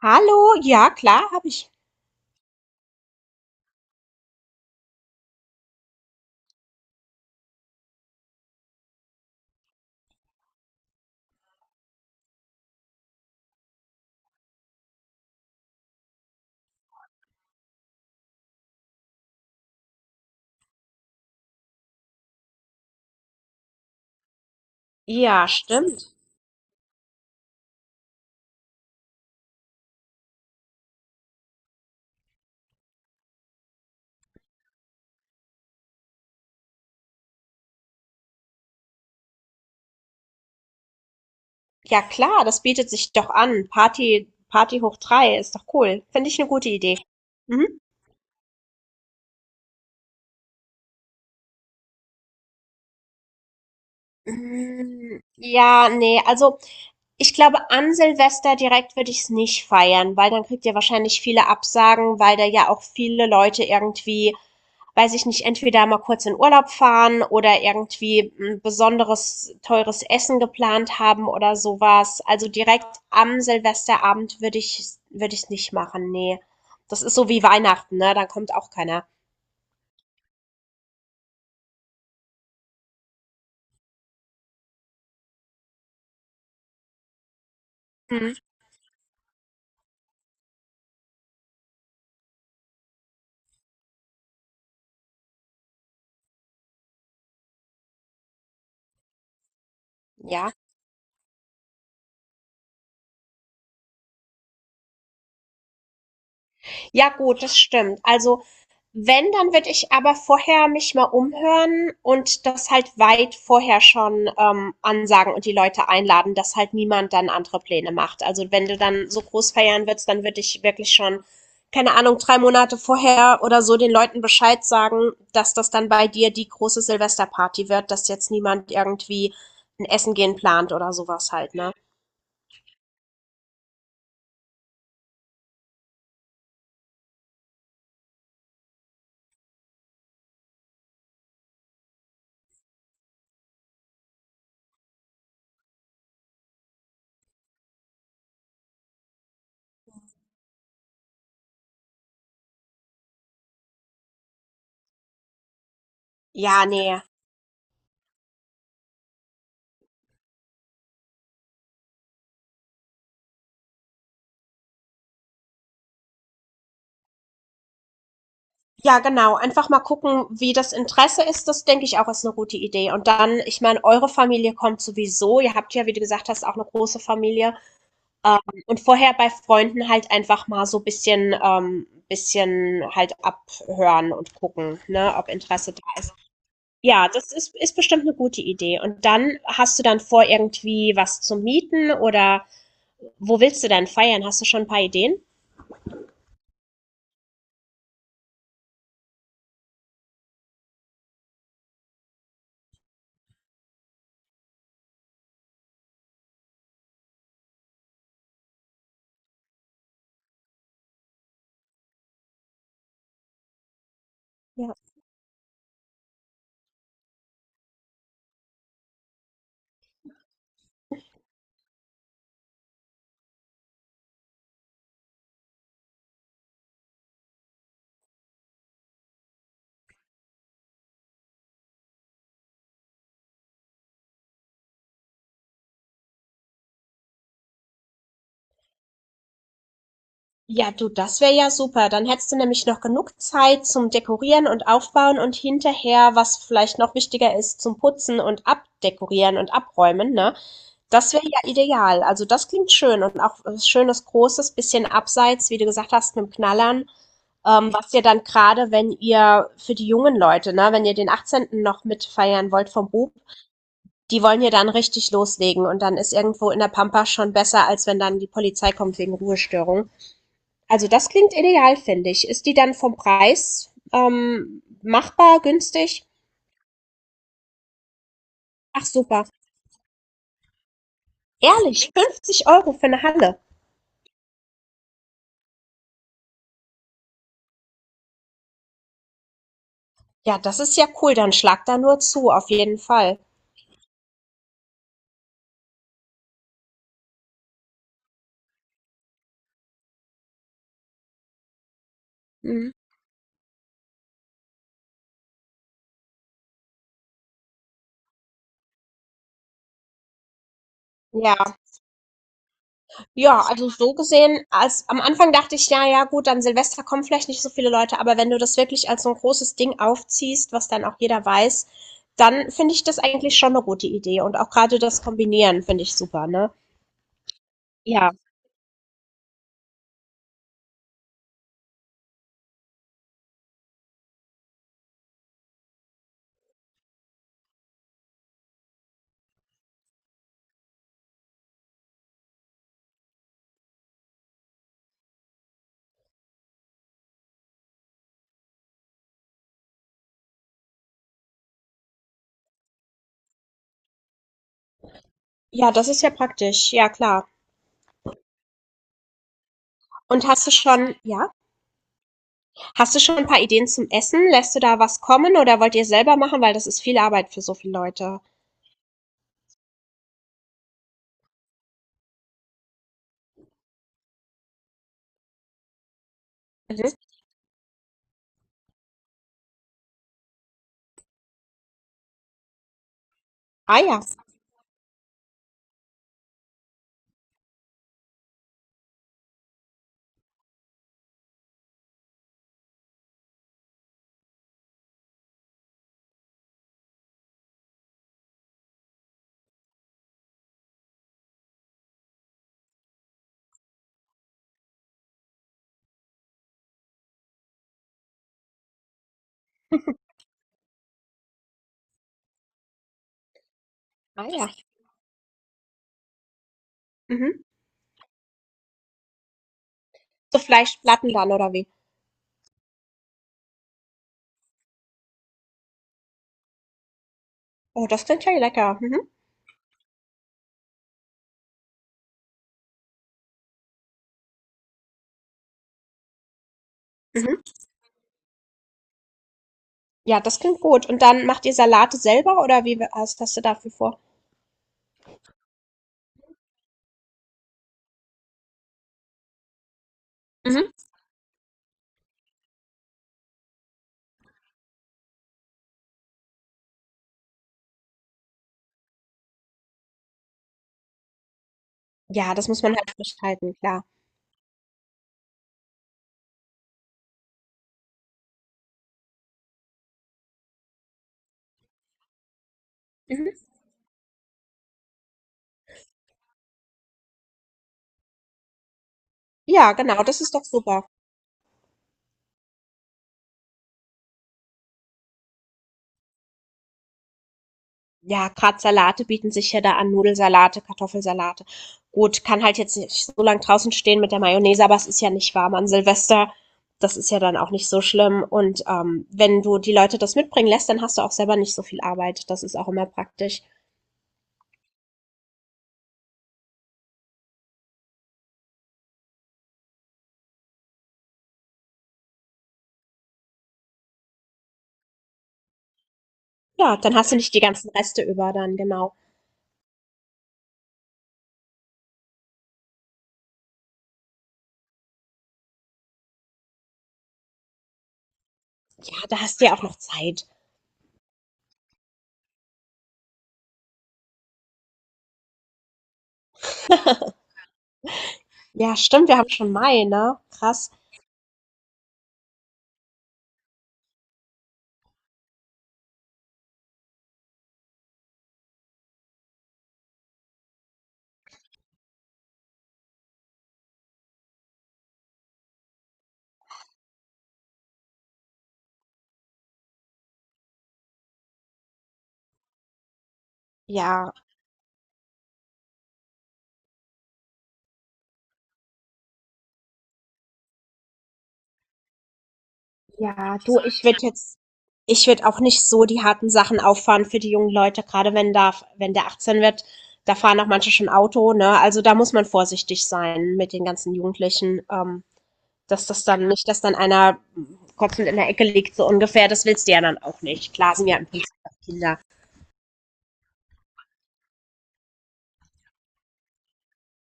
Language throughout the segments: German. Hallo, ja klar, habe ich. Ja, stimmt. Ja klar, das bietet sich doch an. Party, Party hoch drei ist doch cool. Finde ich eine gute Idee. Mhm. Hm, ja, ne, also ich glaube, an Silvester direkt würde ich es nicht feiern, weil dann kriegt ihr wahrscheinlich viele Absagen, weil da ja auch viele Leute irgendwie, weiß ich nicht, entweder mal kurz in Urlaub fahren oder irgendwie ein besonderes teures Essen geplant haben oder sowas. Also direkt am Silvesterabend würde ich's nicht machen, nee. Das ist so wie Weihnachten, ne? Dann kommt auch keiner. Mhm. Ja. Ja, gut, das stimmt. Also wenn, dann würde ich aber vorher mich mal umhören und das halt weit vorher schon ansagen und die Leute einladen, dass halt niemand dann andere Pläne macht. Also wenn du dann so groß feiern willst, dann würde ich wirklich schon, keine Ahnung, drei Monate vorher oder so den Leuten Bescheid sagen, dass das dann bei dir die große Silvesterparty wird, dass jetzt niemand irgendwie ein Essen gehen plant oder sowas halt, ne? Ja, nee. Ja, genau. Einfach mal gucken, wie das Interesse ist. Das denke ich auch ist eine gute Idee. Und dann, ich meine, eure Familie kommt sowieso. Ihr habt ja, wie du gesagt hast, auch eine große Familie. Ähm, und vorher bei Freunden halt einfach mal so ein bisschen halt abhören und gucken, ne, ob Interesse da ist. Ja, das ist bestimmt eine gute Idee. Und dann hast du dann vor, irgendwie was zu mieten oder wo willst du denn feiern? Hast du schon ein paar Ideen? Ja. Ja, du, das wäre ja super. Dann hättest du nämlich noch genug Zeit zum Dekorieren und Aufbauen und hinterher, was vielleicht noch wichtiger ist, zum Putzen und Abdekorieren und Abräumen, ne? Das wäre ja ideal. Also das klingt schön und auch was schönes Großes, bisschen abseits, wie du gesagt hast, mit dem Knallern. Was ihr dann gerade, wenn ihr für die jungen Leute, ne, wenn ihr den 18. noch mitfeiern wollt vom Bub, die wollen ja dann richtig loslegen und dann ist irgendwo in der Pampa schon besser, als wenn dann die Polizei kommt wegen Ruhestörung. Also das klingt ideal, finde ich. Ist die dann vom Preis, machbar, günstig? Ach super. Ehrlich, 50 Euro für eine Halle. Ja, das ist ja cool, dann schlag da nur zu, auf jeden Fall. Mhm. Ja. Ja, also so gesehen als am Anfang dachte ich: „Ja, ja gut, an Silvester kommen vielleicht nicht so viele Leute“, aber wenn du das wirklich als so ein großes Ding aufziehst, was dann auch jeder weiß, dann finde ich das eigentlich schon eine gute Idee und auch gerade das Kombinieren finde ich super, ne? Ja. Ja, das ist ja praktisch. Ja, klar. Und hast du schon ein paar Ideen zum Essen? Lässt du da was kommen oder wollt ihr selber machen? Weil das ist viel Arbeit für so viele Leute. Mhm. Ah ja, ah ja. Mhm. So Fleischplatten dann oder wie? Oh, das klingt ja lecker. Mhm. Mhm. Ja, das klingt gut. Und dann macht ihr Salate selber oder wie, was hast du dafür vor? Mhm. Ja, das muss man halt frisch halten, klar. Mhm. Ja, genau, das ist doch super. Ja, gerade Salate bieten sich ja da an, Nudelsalate, Kartoffelsalate. Gut, kann halt jetzt nicht so lang draußen stehen mit der Mayonnaise, aber es ist ja nicht warm an Silvester. Das ist ja dann auch nicht so schlimm. Und wenn du die Leute das mitbringen lässt, dann hast du auch selber nicht so viel Arbeit. Das ist auch immer praktisch. Ja, dann hast du nicht die ganzen Reste über dann, genau. Ja, da hast du ja auch noch Zeit. Ja, stimmt, wir haben schon Mai, ne? Krass. Ja. Ja, du, ich würde auch nicht so die harten Sachen auffahren für die jungen Leute, gerade wenn der 18 wird, da fahren auch manche schon Auto, ne? Also da muss man vorsichtig sein mit den ganzen Jugendlichen, dass das dann nicht, dass dann einer kotzend in der Ecke liegt, so ungefähr, das willst du ja dann auch nicht. Klar sind ja im Prinzip auch Kinder.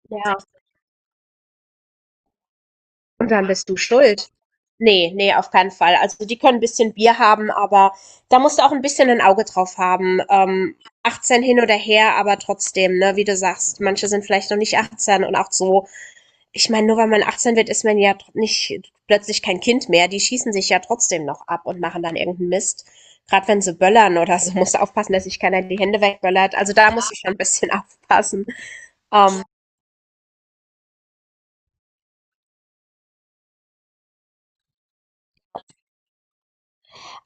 Ja, du schuld. Nee, nee, auf keinen Fall. Also, die können 'n bisschen Bier haben, aber da musst du auch ein bisschen ein Auge drauf haben. 18 hin oder her, aber trotzdem, ne, wie du sagst, manche sind vielleicht noch nicht 18 und auch so, ich meine, nur weil man 18 wird, ist man ja tr nicht plötzlich kein Kind mehr. Die schießen sich ja trotzdem noch ab und machen dann irgendeinen Mist. Gerade wenn sie böllern oder so, musst du aufpassen, dass sich keiner die Hände wegböllert. Also, da musst du schon ein bisschen aufpassen. Ähm,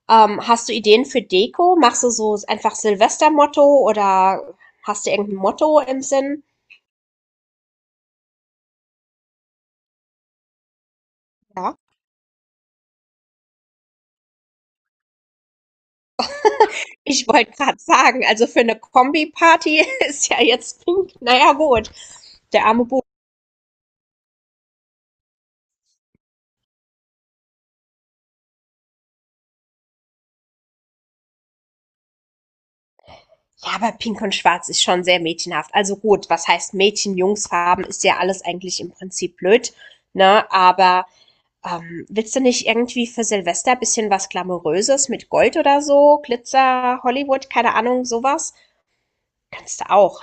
Hast du Ideen für Deko? Machst du so einfach Silvestermotto oder hast du irgendein Motto im Sinn? Ja, ich wollte gerade sagen, also für eine Kombi-Party ist ja jetzt pink. Naja, gut. Der arme Bub. Ja, aber pink und schwarz ist schon sehr mädchenhaft. Also gut, was heißt Mädchen-Jungs-Farben, ist ja alles eigentlich im Prinzip blöd, ne? Aber willst du nicht irgendwie für Silvester ein bisschen was Glamouröses mit Gold oder so? Glitzer, Hollywood, keine Ahnung, sowas? Kannst du auch.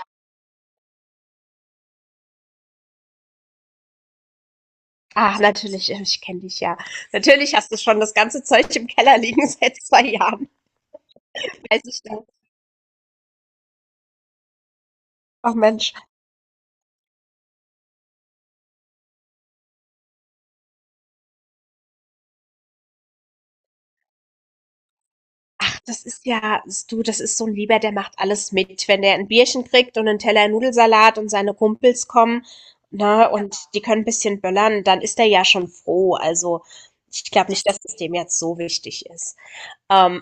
Ach, natürlich, ich kenne dich ja. Natürlich hast du schon das ganze Zeug im Keller liegen seit zwei Jahren. Weiß ich noch. Ach Mensch, ach, das ist ja, du, das ist so ein Lieber, der macht alles mit. Wenn der ein Bierchen kriegt und einen Teller Nudelsalat und seine Kumpels kommen, ne, und die können ein bisschen böllern, dann ist er ja schon froh. Also, ich glaube nicht, dass es dem jetzt so wichtig ist. Ähm,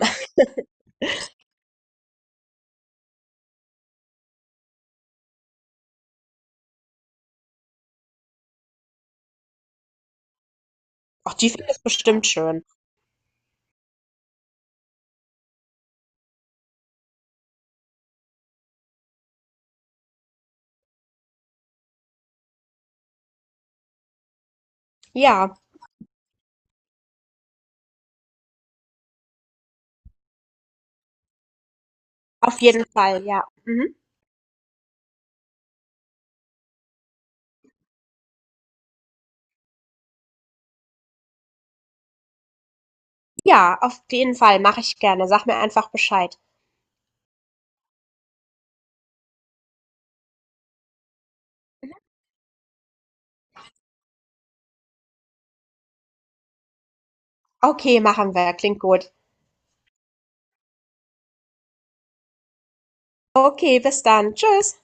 auch die finden es bestimmt schön. Ja, auf jeden Fall, ja. Mhm. Ja, auf jeden Fall mache ich gerne. Sag mir einfach Bescheid. Okay, machen wir. Klingt gut. Okay, bis dann. Tschüss.